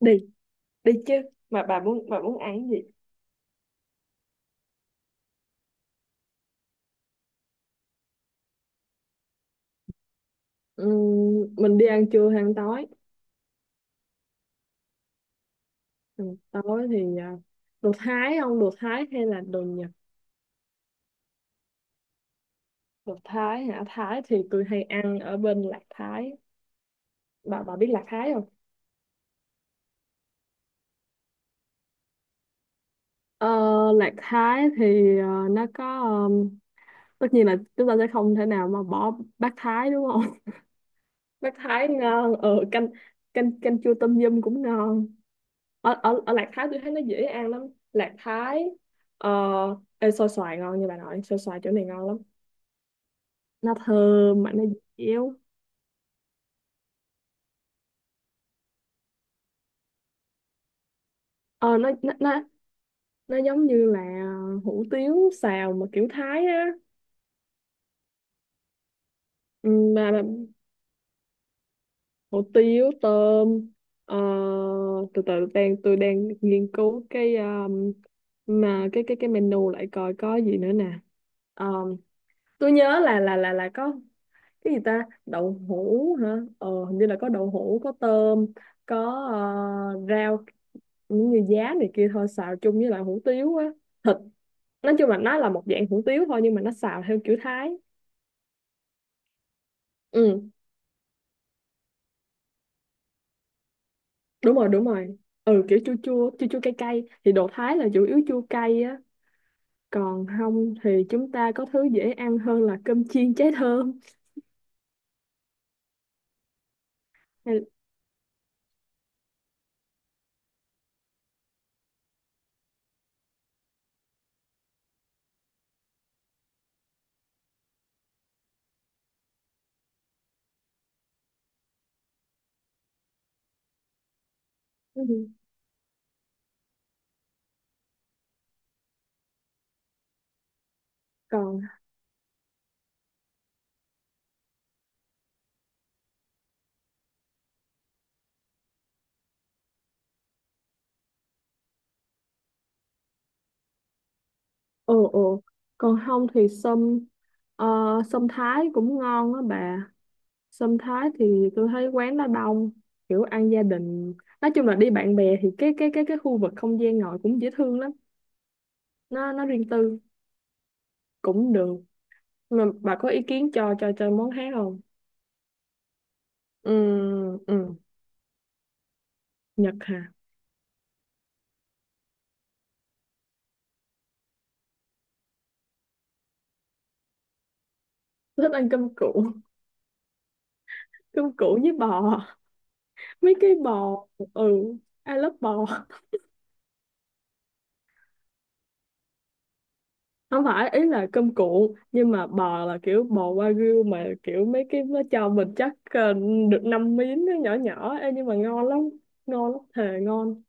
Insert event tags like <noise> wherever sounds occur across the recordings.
Đi, đi chứ. Mà bà muốn ăn gì? Mình đi ăn trưa hay ăn tối? Ăn tối thì đồ Thái không, đồ Thái hay là đồ Nhật? Đồ Thái hả? Thái thì tôi hay ăn ở bên Lạc Thái. Bà biết Lạc Thái không? Ờ, Lạc Thái thì nó có, tất nhiên là chúng ta sẽ không thể nào mà bỏ bát Thái, đúng không? <laughs> Bát Thái ngon, canh, canh chua tôm yum cũng ngon. Ở Lạc Thái tôi thấy nó dễ ăn lắm. Lạc Thái, ờ, ê, xôi xoài ngon. Như bà nội, xôi xoài chỗ này ngon lắm, nó thơm mà nó dẻo. Nó nó giống như là hủ tiếu xào mà kiểu Thái á. Ừ, mà hủ tiếu tôm. ờ, Từ từ, tôi đang nghiên cứu cái mà cái menu lại coi có gì nữa nè. Ờ, tôi nhớ là có cái gì ta, đậu hũ hả? Ờ hình như là có đậu hũ, có tôm, có rau, những như giá này kia thôi, xào chung với lại hủ tiếu á, thịt. Nói chung là nó là một dạng hủ tiếu thôi nhưng mà nó xào theo kiểu Thái. Ừ, đúng rồi, đúng rồi. Ừ, kiểu chua chua cay cay, thì đồ Thái là chủ yếu chua cay á. Còn không thì chúng ta có thứ dễ ăn hơn là cơm chiên cháy thơm. Hay- ừ. Còn, ồ ồ, còn không thì sâm. Ờ, sâm Thái cũng ngon á bà. Sâm Thái thì tôi thấy quán nó đông, kiểu ăn gia đình. Nói chung là đi bạn bè thì cái khu vực không gian ngồi cũng dễ thương lắm, nó riêng tư, cũng được. Mà bà có ý kiến cho món khác không? Ừ, ừ, Nhật hả? Tôi thích ăn cơm cuộn, cơm cuộn với bò. <laughs> Mấy cái bò. Ừ, I love bò. <laughs> Không phải ý là cơm cuộn nhưng mà bò, là kiểu bò wagyu, mà kiểu mấy cái nó cho mình chắc được năm miếng nó nhỏ nhỏ. Ê, nhưng mà ngon lắm, ngon lắm, thề ngon.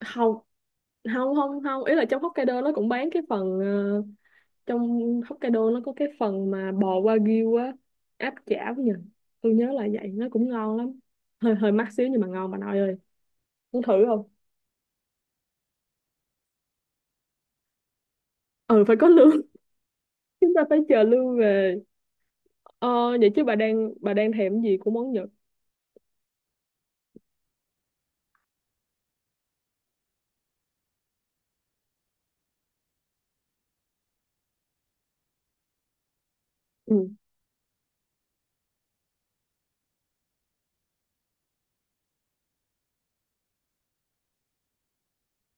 Không không không không ý là trong Hokkaido nó cũng bán cái phần trong Hokkaido nó có cái phần mà bò wagyu á, áp chảo nhỉ, tôi nhớ là vậy. Nó cũng ngon lắm, hơi hơi mắc xíu nhưng mà ngon bà nội ơi, muốn thử không? Ừ, phải có lương. <laughs> Chúng ta phải chờ lương về. Ờ, vậy chứ bà đang thèm cái gì của món Nhật? Ừ,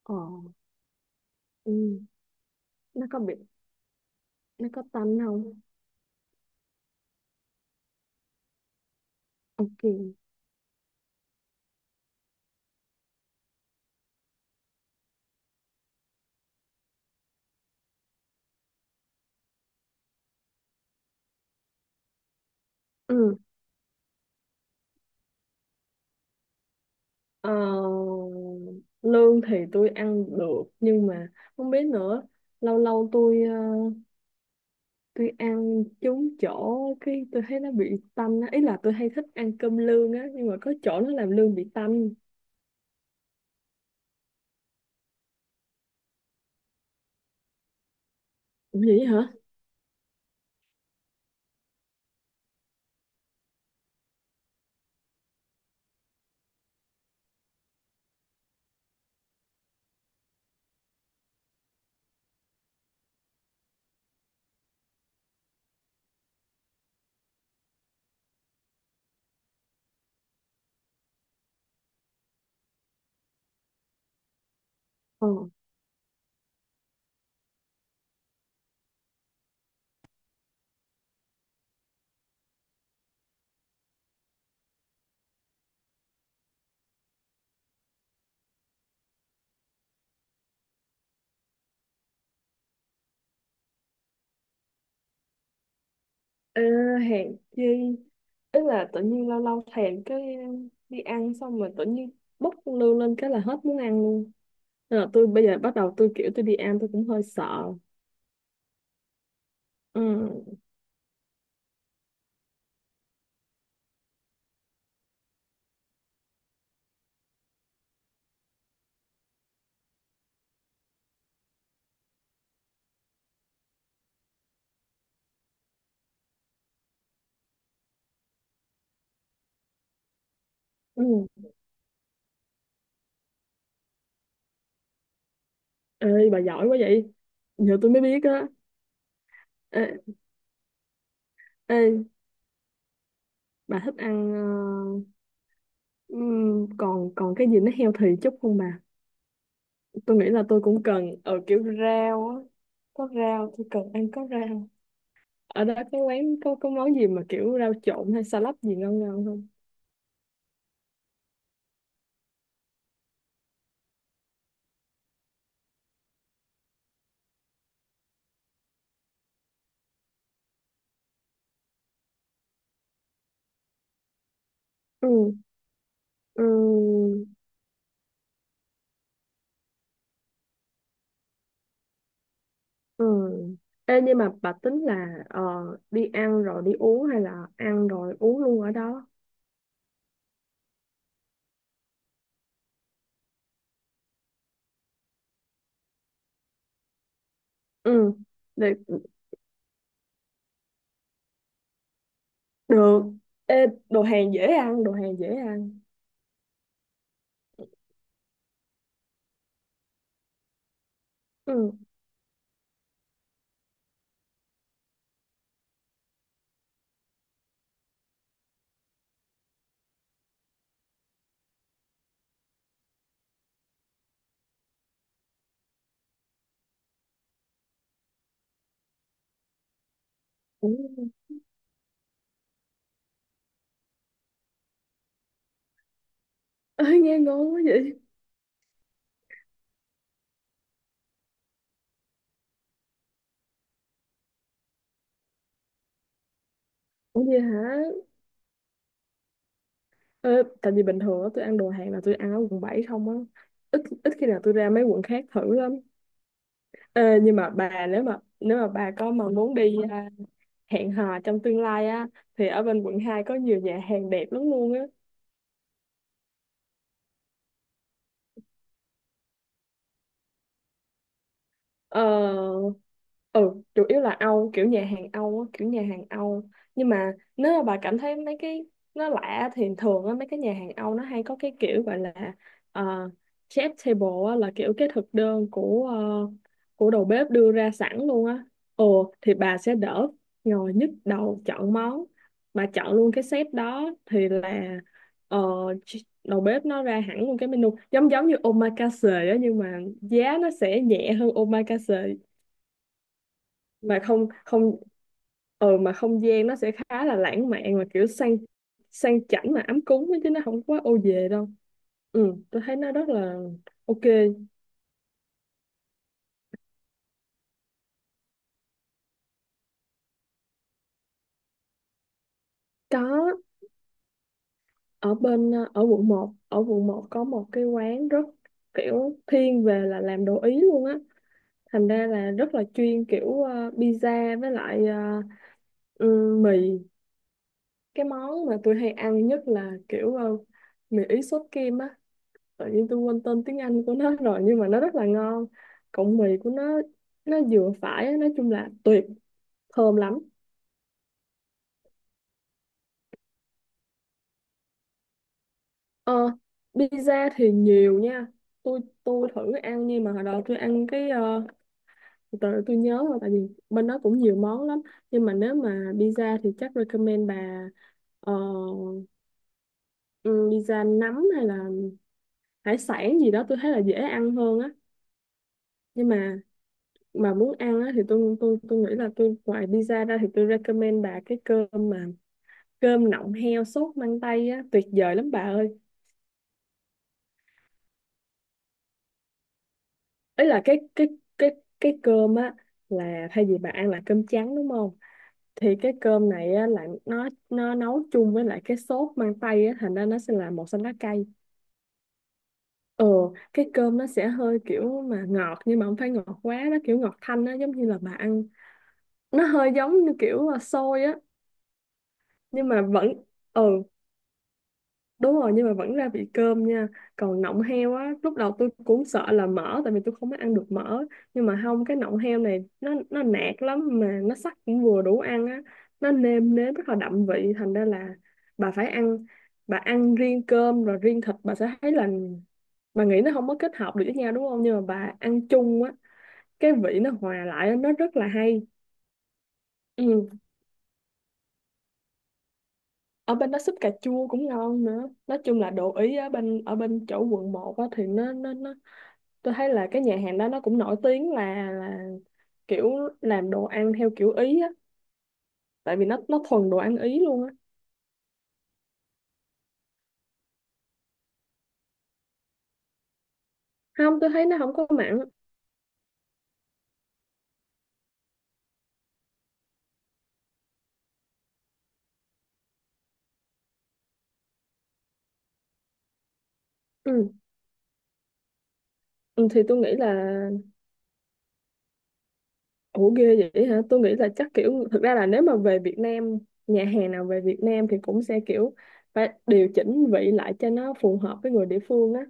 ờ, ừ. Nó có bị, nó có tanh không? Ok. Ừ. Ờ, lương thì tôi ăn được nhưng mà không biết nữa, lâu lâu tôi tôi ăn trúng chỗ cái tôi thấy nó bị tanh á. Ý là tôi hay thích ăn cơm lương á, nhưng mà có chỗ nó làm lương bị tanh. Ủa vậy hả? Ờ, ờ, hèn chi. Ý là tự nhiên lâu lâu thèm cái đi ăn xong rồi tự nhiên bốc con lương lên cái là hết muốn ăn luôn. Nên là tôi bây giờ bắt đầu tôi kiểu tôi đi ăn tôi cũng hơi sợ. Ừ. Ừ. Ê, bà giỏi quá vậy. Giờ tôi mới biết á. Ê, ê, bà thích ăn còn còn cái gì nó healthy chút không bà? Tôi nghĩ là tôi cũng cần ở kiểu rau á. Có rau, tôi cần ăn có rau. Ở đó có quán có món gì mà kiểu rau trộn hay salad gì ngon ngon không? Ừ, ừ, ừ. Ê, nhưng mà bà tính là đi ăn rồi đi uống hay là ăn rồi uống luôn ở đó? Ừ, được. Được. Ê, đồ hàng dễ ăn, đồ hàng dễ ăn. Ừ. Ủa, ơ, nghe ngon quá vậy. Ủa vậy hả? Ờ, tại vì bình thường á tôi ăn đồ Hàn là tôi ăn ở quận 7 không á. Ít Ít khi nào tôi ra mấy quận khác thử lắm. Ờ, nhưng mà bà nếu mà bà có mà muốn đi hẹn hò trong tương lai á, thì ở bên quận 2 có nhiều nhà hàng đẹp lắm luôn. Ờ, ừ, chủ yếu là Âu, kiểu nhà hàng Âu á, kiểu nhà hàng Âu. Nhưng mà nếu mà bà cảm thấy mấy cái nó lạ thì thường á, mấy cái nhà hàng Âu nó hay có cái kiểu gọi là ờ, chef table á, là kiểu cái thực đơn của của đầu bếp đưa ra sẵn luôn á. Ồ, thì bà sẽ đỡ ngồi nhức đầu chọn món. Bà chọn luôn cái set đó thì là ờ, đầu bếp nó ra hẳn luôn cái menu, giống giống như omakase á, nhưng mà giá nó sẽ nhẹ hơn omakase. Mà không, không, ừ mà không gian nó sẽ khá là lãng mạn, mà kiểu sang, sang chảnh mà ấm cúng á, chứ nó không quá ô về đâu. Ừ, tôi thấy nó rất là ok. Có, ở bên ở quận một, có một cái quán rất kiểu thiên về là làm đồ Ý luôn á, thành ra là rất là chuyên kiểu pizza với lại ừ, mì. Cái món mà tôi hay ăn nhất là kiểu mì Ý sốt kem á, tự nhiên tôi quên tên tiếng Anh của nó rồi, nhưng mà nó rất là ngon. Cộng mì của nó vừa phải á, nói chung là tuyệt, thơm lắm. Ờ, pizza thì nhiều nha. Tôi thử ăn nhưng mà hồi đó tôi ăn cái từ từ tôi nhớ rồi, tại vì bên đó cũng nhiều món lắm. Nhưng mà nếu mà pizza thì chắc recommend bà ờ, ừ, pizza nấm hay là hải sản gì đó tôi thấy là dễ ăn hơn á. Nhưng Mà muốn ăn á, thì tôi tôi nghĩ là tôi ngoài pizza ra thì tôi recommend bà cái cơm mà cơm nọng heo sốt măng tây á, tuyệt vời lắm bà ơi. Ấy là cái cái cơm á, là thay vì bà ăn là cơm trắng đúng không, thì cái cơm này á là nó nấu chung với lại cái sốt măng tây á, thành ra nó sẽ là một xanh lá cây. Ừ, cái cơm nó sẽ hơi kiểu mà ngọt nhưng mà không phải ngọt quá, nó kiểu ngọt thanh á, giống như là bà ăn, nó hơi giống như kiểu xôi á. Nhưng mà vẫn, ừ, đúng rồi, nhưng mà vẫn ra vị cơm nha. Còn nọng heo á, lúc đầu tôi cũng sợ là mỡ tại vì tôi không có ăn được mỡ, nhưng mà không, cái nọng heo này nó nạc lắm, mà nó sắc cũng vừa đủ ăn á, nó nêm nếm rất là đậm vị. Thành ra là bà phải ăn, bà ăn riêng cơm rồi riêng thịt bà sẽ thấy là, bà nghĩ nó không có kết hợp được với nhau đúng không, nhưng mà bà ăn chung á, cái vị nó hòa lại á, nó rất là hay. Ừ. Ở bên đó súp cà chua cũng ngon nữa. Nói chung là đồ ý ở bên, ở bên chỗ quận một á thì nó, tôi thấy là cái nhà hàng đó nó cũng nổi tiếng là kiểu làm đồ ăn theo kiểu Ý á, tại vì nó thuần đồ ăn Ý luôn á. Không, tôi thấy nó không có mặn. Ừ. Ừ thì tôi nghĩ là, ủa ghê vậy hả, tôi nghĩ là chắc kiểu thực ra là nếu mà về Việt Nam, nhà hàng nào về Việt Nam thì cũng sẽ kiểu phải điều chỉnh vị lại cho nó phù hợp với người địa phương á.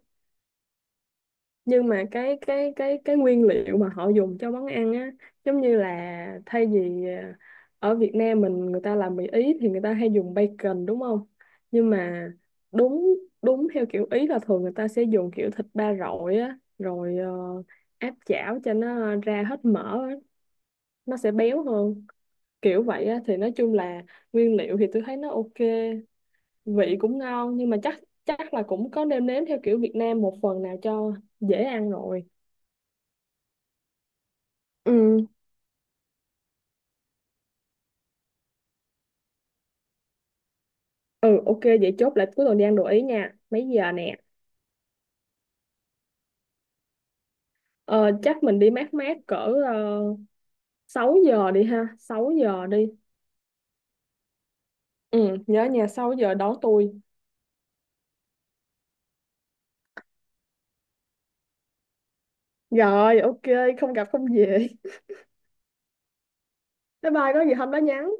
Nhưng mà cái nguyên liệu mà họ dùng cho món ăn á, giống như là thay vì ở Việt Nam mình người ta làm mì Ý thì người ta hay dùng bacon đúng không, nhưng mà đúng đúng theo kiểu Ý là thường người ta sẽ dùng kiểu thịt ba rọi á, rồi áp chảo cho nó ra hết mỡ á, nó sẽ béo hơn, kiểu vậy á. Thì nói chung là nguyên liệu thì tôi thấy nó ok, vị cũng ngon, nhưng mà chắc chắc là cũng có nêm nếm theo kiểu Việt Nam một phần nào cho dễ ăn rồi. Ừ, ừ ok. Vậy chốt lại cuối tuần đi ăn đồ Ý nha. Mấy giờ nè? Ờ, Chắc mình đi mát mát cỡ uh, 6 giờ đi ha, 6 giờ đi. Ừ nhớ nhà 6 giờ đón tôi. Rồi ok, không gặp không về. Bye bye, có gì hôm đó nhắn.